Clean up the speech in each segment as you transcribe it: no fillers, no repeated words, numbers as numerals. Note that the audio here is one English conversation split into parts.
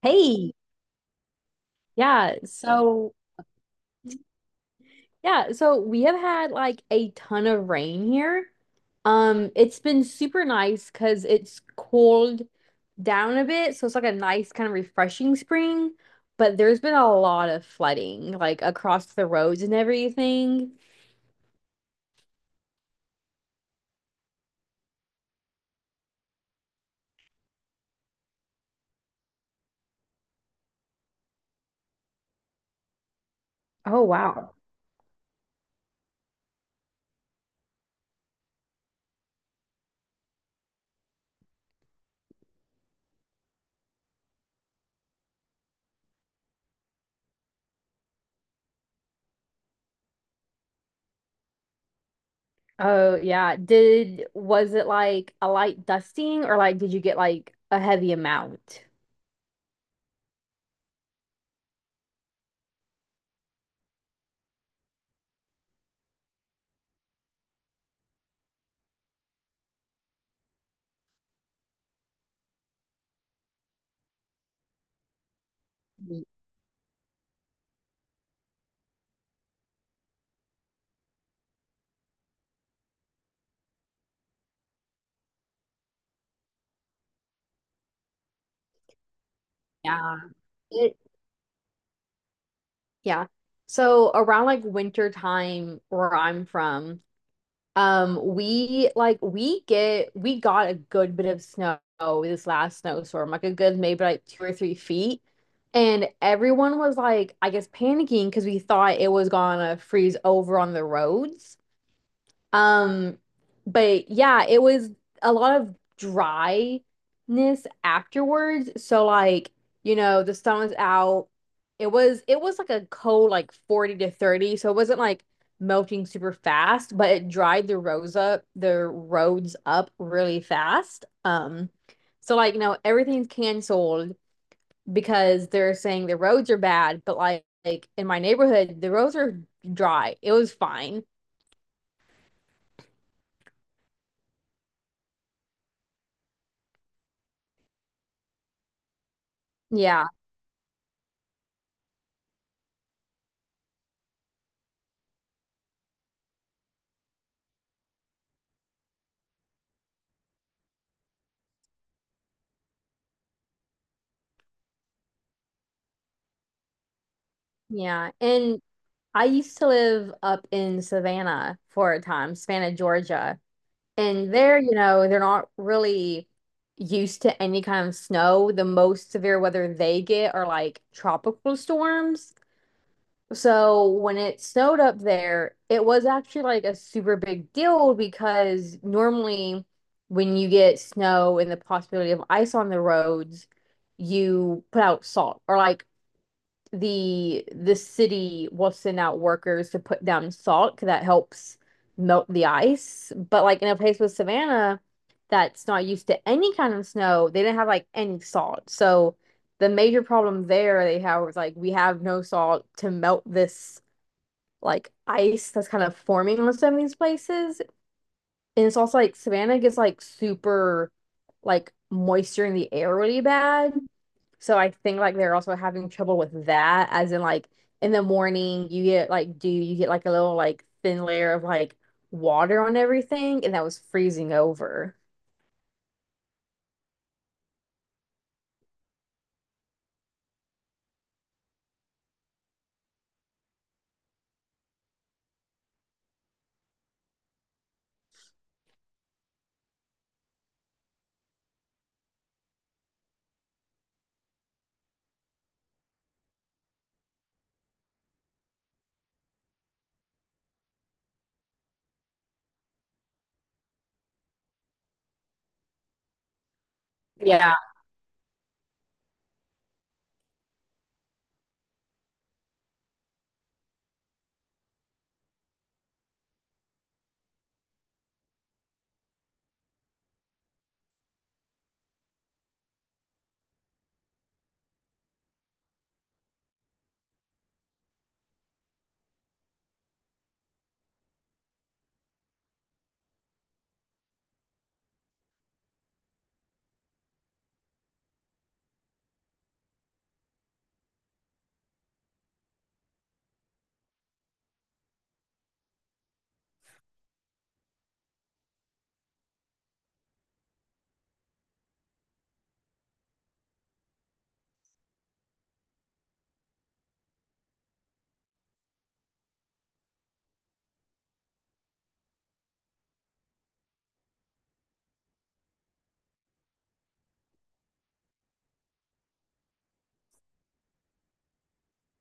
Hey, yeah. So, yeah, so we have had like a ton of rain here. It's been super nice because it's cooled down a bit, so it's like a nice kind of refreshing spring, but there's been a lot of flooding like across the roads and everything. Oh, wow. Oh, yeah. Did Was it like a light dusting or like did you get like a heavy amount? Yeah. It Yeah. So around like winter time where I'm from, we like we get we got a good bit of snow this last snowstorm, like a good maybe like two or three feet. And everyone was like, I guess, panicking because we thought it was gonna freeze over on the roads. Um, but yeah, it was a lot of dryness afterwards. So like, you know, the sun was out. It was like a cold like 40 to 30, so it wasn't like melting super fast, but it dried the roads up really fast. So like, you know, everything's canceled because they're saying the roads are bad, but like in my neighborhood, the roads are dry. It was fine. Yeah, yeah. And I used to live up in Savannah for a time, Savannah, Georgia. And there, you know, they're not really used to any kind of snow. The most severe weather they get are like tropical storms. So when it snowed up there, it was actually like a super big deal because normally when you get snow and the possibility of ice on the roads, you put out salt or like the city will send out workers to put down salt because that helps melt the ice. But like in a place with Savannah that's not used to any kind of snow, they didn't have like any salt. So the major problem there they have was like we have no salt to melt this like ice that's kind of forming on some of these places. And it's also like Savannah gets like super like moisture in the air really bad. So I think like they're also having trouble with that, as in like in the morning you get like dew, you get like a little like thin layer of like water on everything, and that was freezing over. Yeah.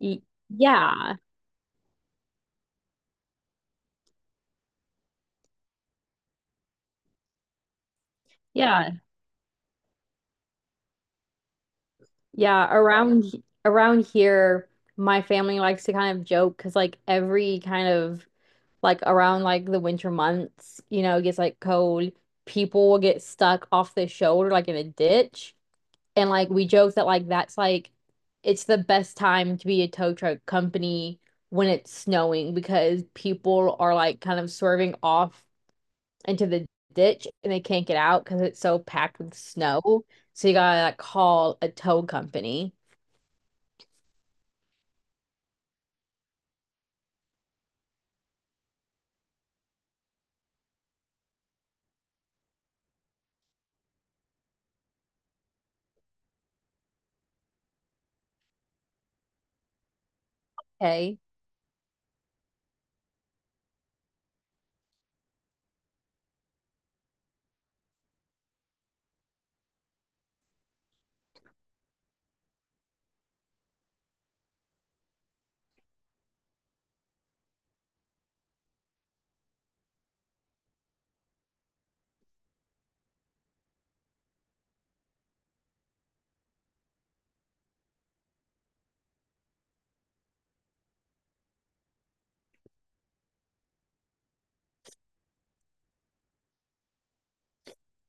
Y- Yeah, yeah, yeah. Around around here, my family likes to kind of joke because like every kind of like around like the winter months, you know, it gets like cold. People will get stuck off the shoulder like in a ditch. And like we joke that like that's like it's the best time to be a tow truck company when it's snowing because people are like kind of swerving off into the ditch and they can't get out because it's so packed with snow. So you gotta like call a tow company. Okay.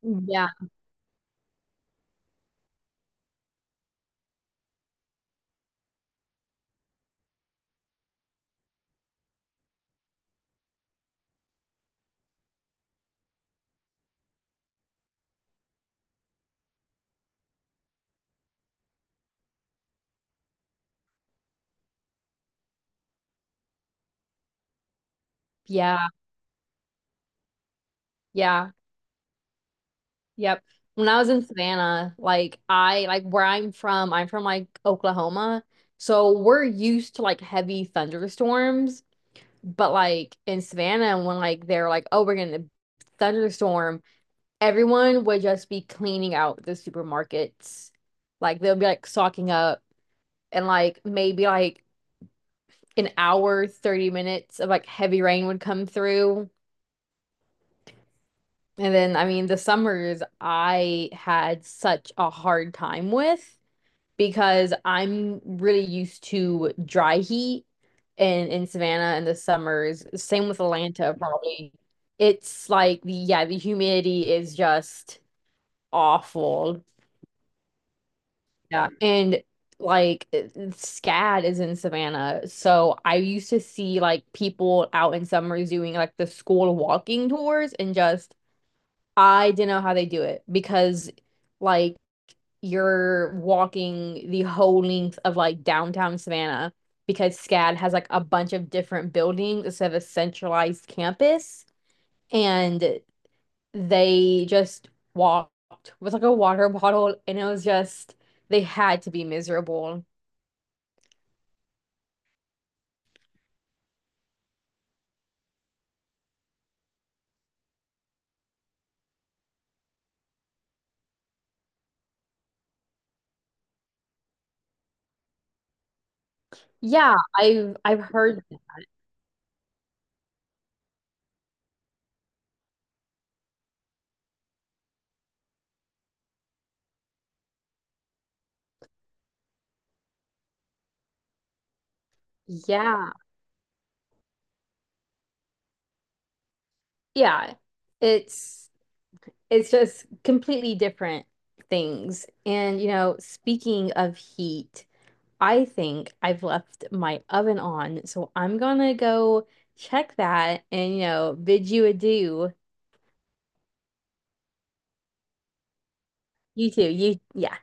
Yeah, yeah, yeah, yep. When I was in Savannah, like I like where I'm from like Oklahoma. So we're used to like heavy thunderstorms. But like in Savannah, when like they're like, oh, we're gonna thunderstorm, everyone would just be cleaning out the supermarkets. Like they'll be like stocking up and like maybe like an hour, 30 minutes of like heavy rain would come through. And then I mean the summers I had such a hard time with because I'm really used to dry heat in Savannah in the summers. Same with Atlanta, probably. It's like the yeah, the humidity is just awful. Yeah. And like SCAD is in Savannah. So I used to see like people out in summers doing like the school walking tours and just I didn't know how they do it because like you're walking the whole length of like downtown Savannah because SCAD has like a bunch of different buildings instead of a centralized campus. And they just walked with like a water bottle, and it was just, they had to be miserable. Yeah, I've heard yeah. Yeah. It's it's just completely different things. And you know, speaking of heat, I think I've left my oven on, so I'm gonna go check that and, you know, bid you adieu. You too. You, yeah.